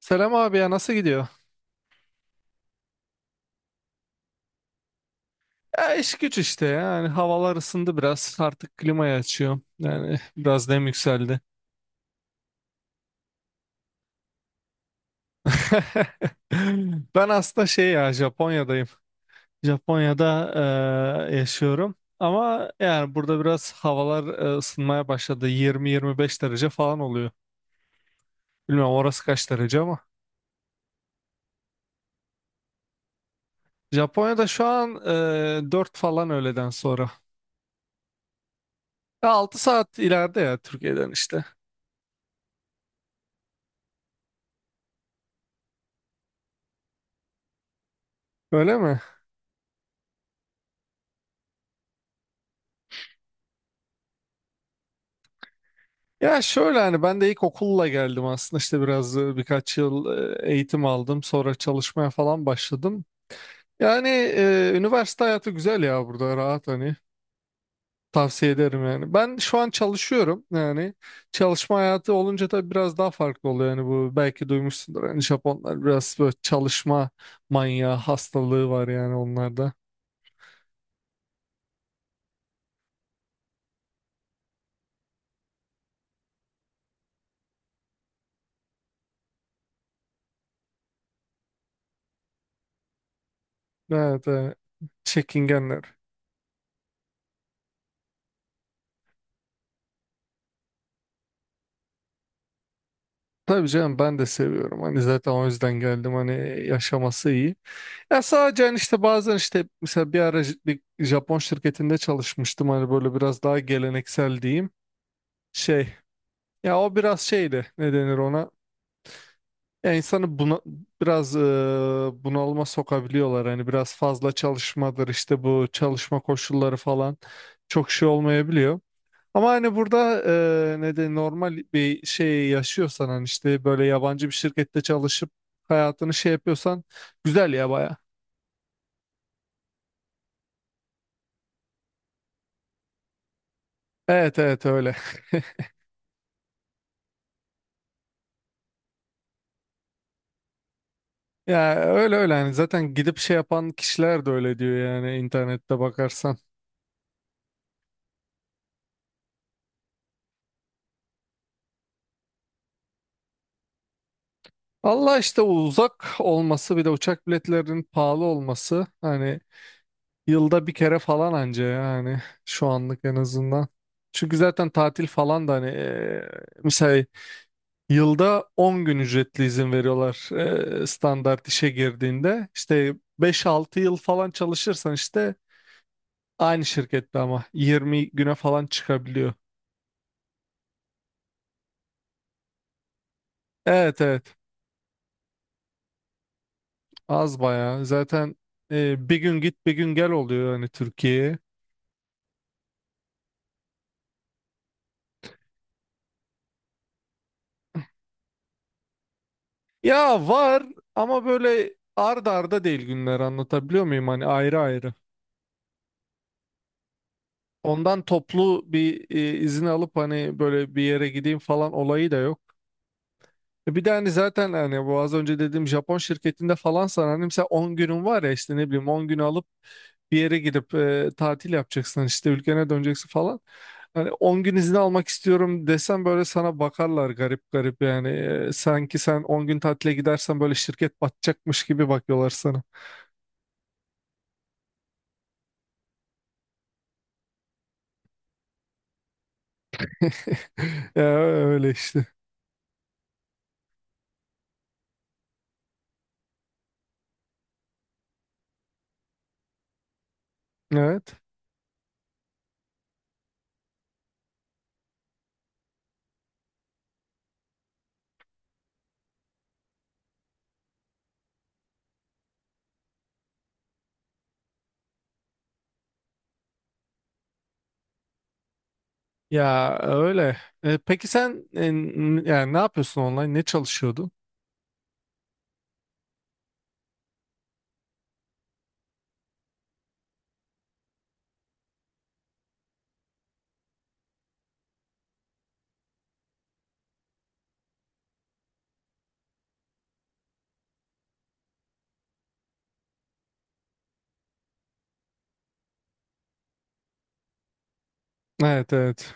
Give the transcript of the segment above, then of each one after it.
Selam abi ya nasıl gidiyor? Ya iş güç işte ya. Yani havalar ısındı biraz artık klimayı açıyorum yani biraz nem yükseldi. Ben aslında şey ya Japonya'dayım. Japonya'da yaşıyorum ama yani burada biraz havalar ısınmaya başladı 20-25 derece falan oluyor. Bilmiyorum orası kaç derece ama. Japonya'da şu an 4 falan öğleden sonra. Ya 6 saat ileride ya Türkiye'den işte. Öyle mi? Ya şöyle hani ben de ilk okulla geldim aslında işte biraz birkaç yıl eğitim aldım sonra çalışmaya falan başladım. Yani üniversite hayatı güzel ya burada rahat hani. Tavsiye ederim yani. Ben şu an çalışıyorum yani. Çalışma hayatı olunca da biraz daha farklı oluyor yani bu belki duymuşsundur. Yani Japonlar biraz böyle çalışma manyağı hastalığı var yani onlarda. Evet, evet. Çekingenler. Tabii canım ben de seviyorum. Hani zaten o yüzden geldim. Hani yaşaması iyi. Ya sadece hani işte bazen işte mesela bir ara bir Japon şirketinde çalışmıştım hani böyle biraz daha geleneksel diyeyim şey ya o biraz şeydi ne denir ona ya insanı buna biraz bunalıma sokabiliyorlar hani biraz fazla çalışmadır işte bu çalışma koşulları falan çok şey olmayabiliyor. Ama hani burada ne de normal bir şey yaşıyorsan hani işte böyle yabancı bir şirkette çalışıp hayatını şey yapıyorsan güzel ya baya. Evet evet öyle. Ya öyle öyle yani zaten gidip şey yapan kişiler de öyle diyor yani internette bakarsan. Allah işte uzak olması bir de uçak biletlerinin pahalı olması hani yılda bir kere falan anca yani şu anlık en azından. Çünkü zaten tatil falan da hani mesela yılda 10 gün ücretli izin veriyorlar, standart işe girdiğinde. İşte 5-6 yıl falan çalışırsan işte aynı şirkette ama 20 güne falan çıkabiliyor. Evet evet. Az bayağı. Zaten bir gün git bir gün gel oluyor hani Türkiye'ye. Ya var ama böyle arda arda değil günler, anlatabiliyor muyum? Hani ayrı ayrı. Ondan toplu bir izin alıp hani böyle bir yere gideyim falan olayı da yok. E, bir de hani zaten hani bu az önce dediğim Japon şirketinde falan sana hani mesela 10 günün var ya işte ne bileyim 10 günü alıp bir yere gidip tatil yapacaksın hani işte ülkene döneceksin falan. Hani 10 gün izin almak istiyorum desem böyle sana bakarlar garip garip yani. E, sanki sen 10 gün tatile gidersen böyle şirket batacakmış gibi bakıyorlar sana. Ya öyle işte. Evet. Ya öyle. E, peki sen yani ne yapıyorsun online? Ne çalışıyordun? Evet evet.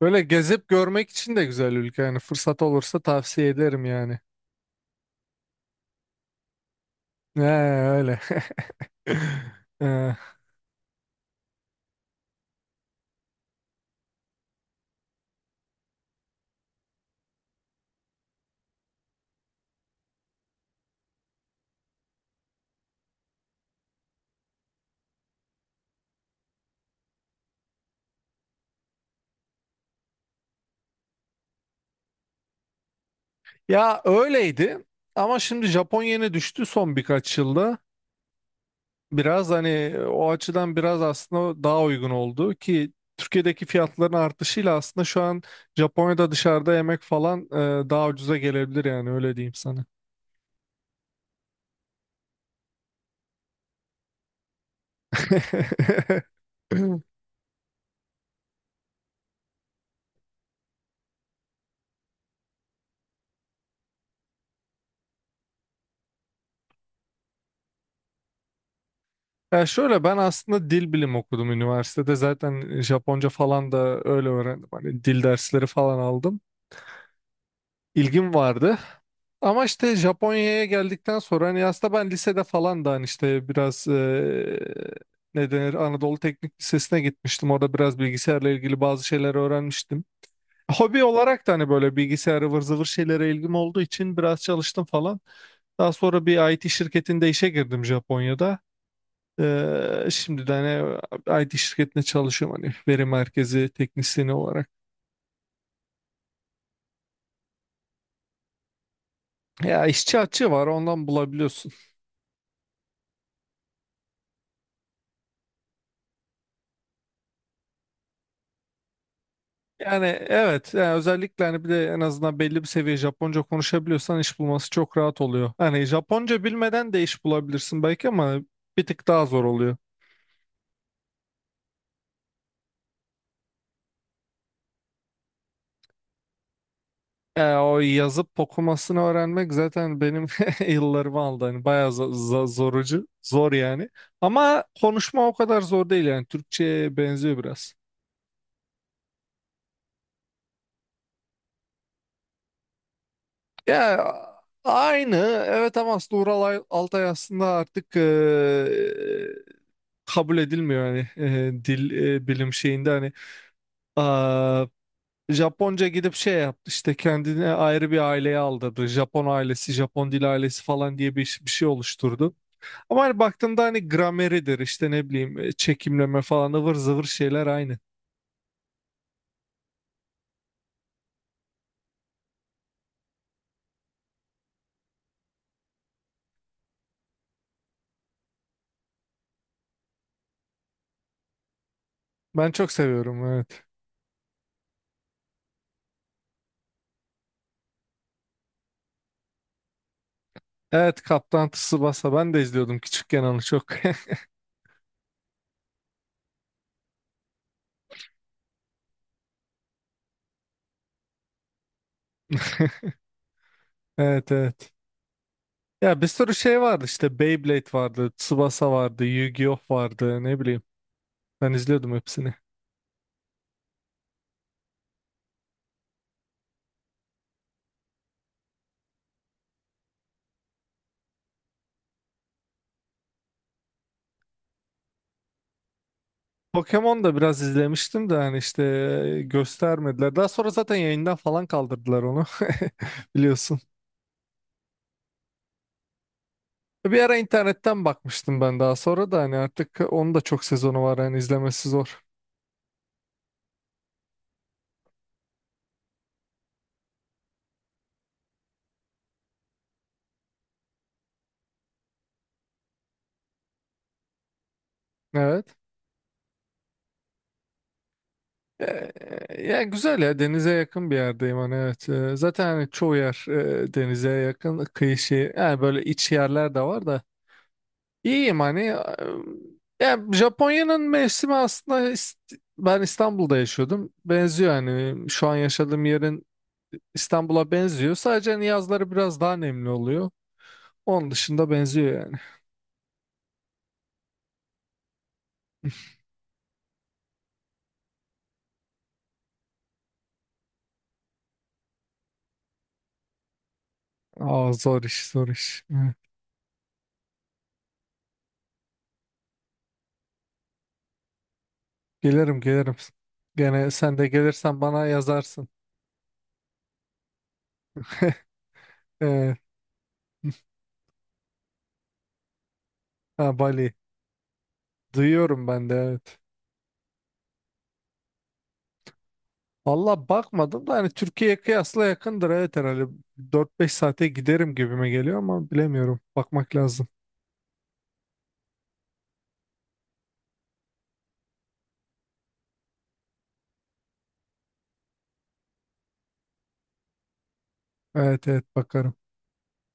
Böyle gezip görmek için de güzel ülke yani fırsat olursa tavsiye ederim yani. He, öyle. Ee, Ya öyleydi ama şimdi Japonya'ya düştü son birkaç yılda. Biraz hani o açıdan biraz aslında daha uygun oldu ki Türkiye'deki fiyatların artışıyla aslında şu an Japonya'da dışarıda yemek falan daha ucuza gelebilir yani öyle diyeyim sana. Ya şöyle ben aslında dil bilimi okudum üniversitede. Zaten Japonca falan da öyle öğrendim. Hani dil dersleri falan aldım. İlgim vardı. Ama işte Japonya'ya geldikten sonra hani aslında ben lisede falan da hani işte biraz ne denir Anadolu Teknik Lisesi'ne gitmiştim. Orada biraz bilgisayarla ilgili bazı şeyler öğrenmiştim. Hobi olarak da hani böyle bilgisayar ıvır zıvır şeylere ilgim olduğu için biraz çalıştım falan. Daha sonra bir IT şirketinde işe girdim Japonya'da. Şimdi de hani IT şirketinde çalışıyorum hani veri merkezi teknisyeni olarak. Ya işçi açığı var ondan bulabiliyorsun. Yani evet yani özellikle hani bir de en azından belli bir seviye Japonca konuşabiliyorsan iş bulması çok rahat oluyor. Hani Japonca bilmeden de iş bulabilirsin belki ama bir tık daha zor oluyor. Ya o yazıp okumasını öğrenmek zaten benim yıllarımı aldı. Hani bayağı zorucu, zor yani. Ama konuşma o kadar zor değil yani. Türkçe'ye benziyor biraz. Ya aynı, evet, ama aslında Ural Altay aslında artık kabul edilmiyor hani dil bilim şeyinde hani aa, Japonca gidip şey yaptı işte kendine ayrı bir aileye aldırdı. Japon ailesi, Japon dil ailesi falan diye bir şey oluşturdu. Ama hani baktığımda hani grameridir işte ne bileyim çekimleme falan ıvır zıvır şeyler aynı. Ben çok seviyorum evet. Evet, Kaptan Tsubasa ben de izliyordum küçükken onu çok. Evet evet. Ya bir sürü şey vardı, işte Beyblade vardı, Tsubasa vardı, Yu-Gi-Oh vardı, ne bileyim. Ben izliyordum hepsini. Pokemon da biraz izlemiştim de hani işte göstermediler. Daha sonra zaten yayından falan kaldırdılar onu, biliyorsun. Bir ara internetten bakmıştım ben daha sonra da hani artık onun da çok sezonu var hani izlemesi zor. Evet. Ya güzel, ya denize yakın bir yerdeyim hani, evet. Zaten hani çoğu yer denize yakın kıyı şey yani, böyle iç yerler de var da. İyiyim hani ya, yani Japonya'nın mevsimi aslında ben İstanbul'da yaşıyordum. Benziyor hani şu an yaşadığım yerin İstanbul'a benziyor. Sadece hani yazları biraz daha nemli oluyor. Onun dışında benziyor yani. Aa, zor iş, zor iş. Hı. Gelirim, gelirim. Gene sen de gelirsen bana yazarsın. Evet. Ha, Bali. Duyuyorum ben de, evet. Valla bakmadım da hani Türkiye'ye kıyasla yakındır evet herhalde. 4-5 saate giderim gibime geliyor ama bilemiyorum. Bakmak lazım. Evet evet bakarım.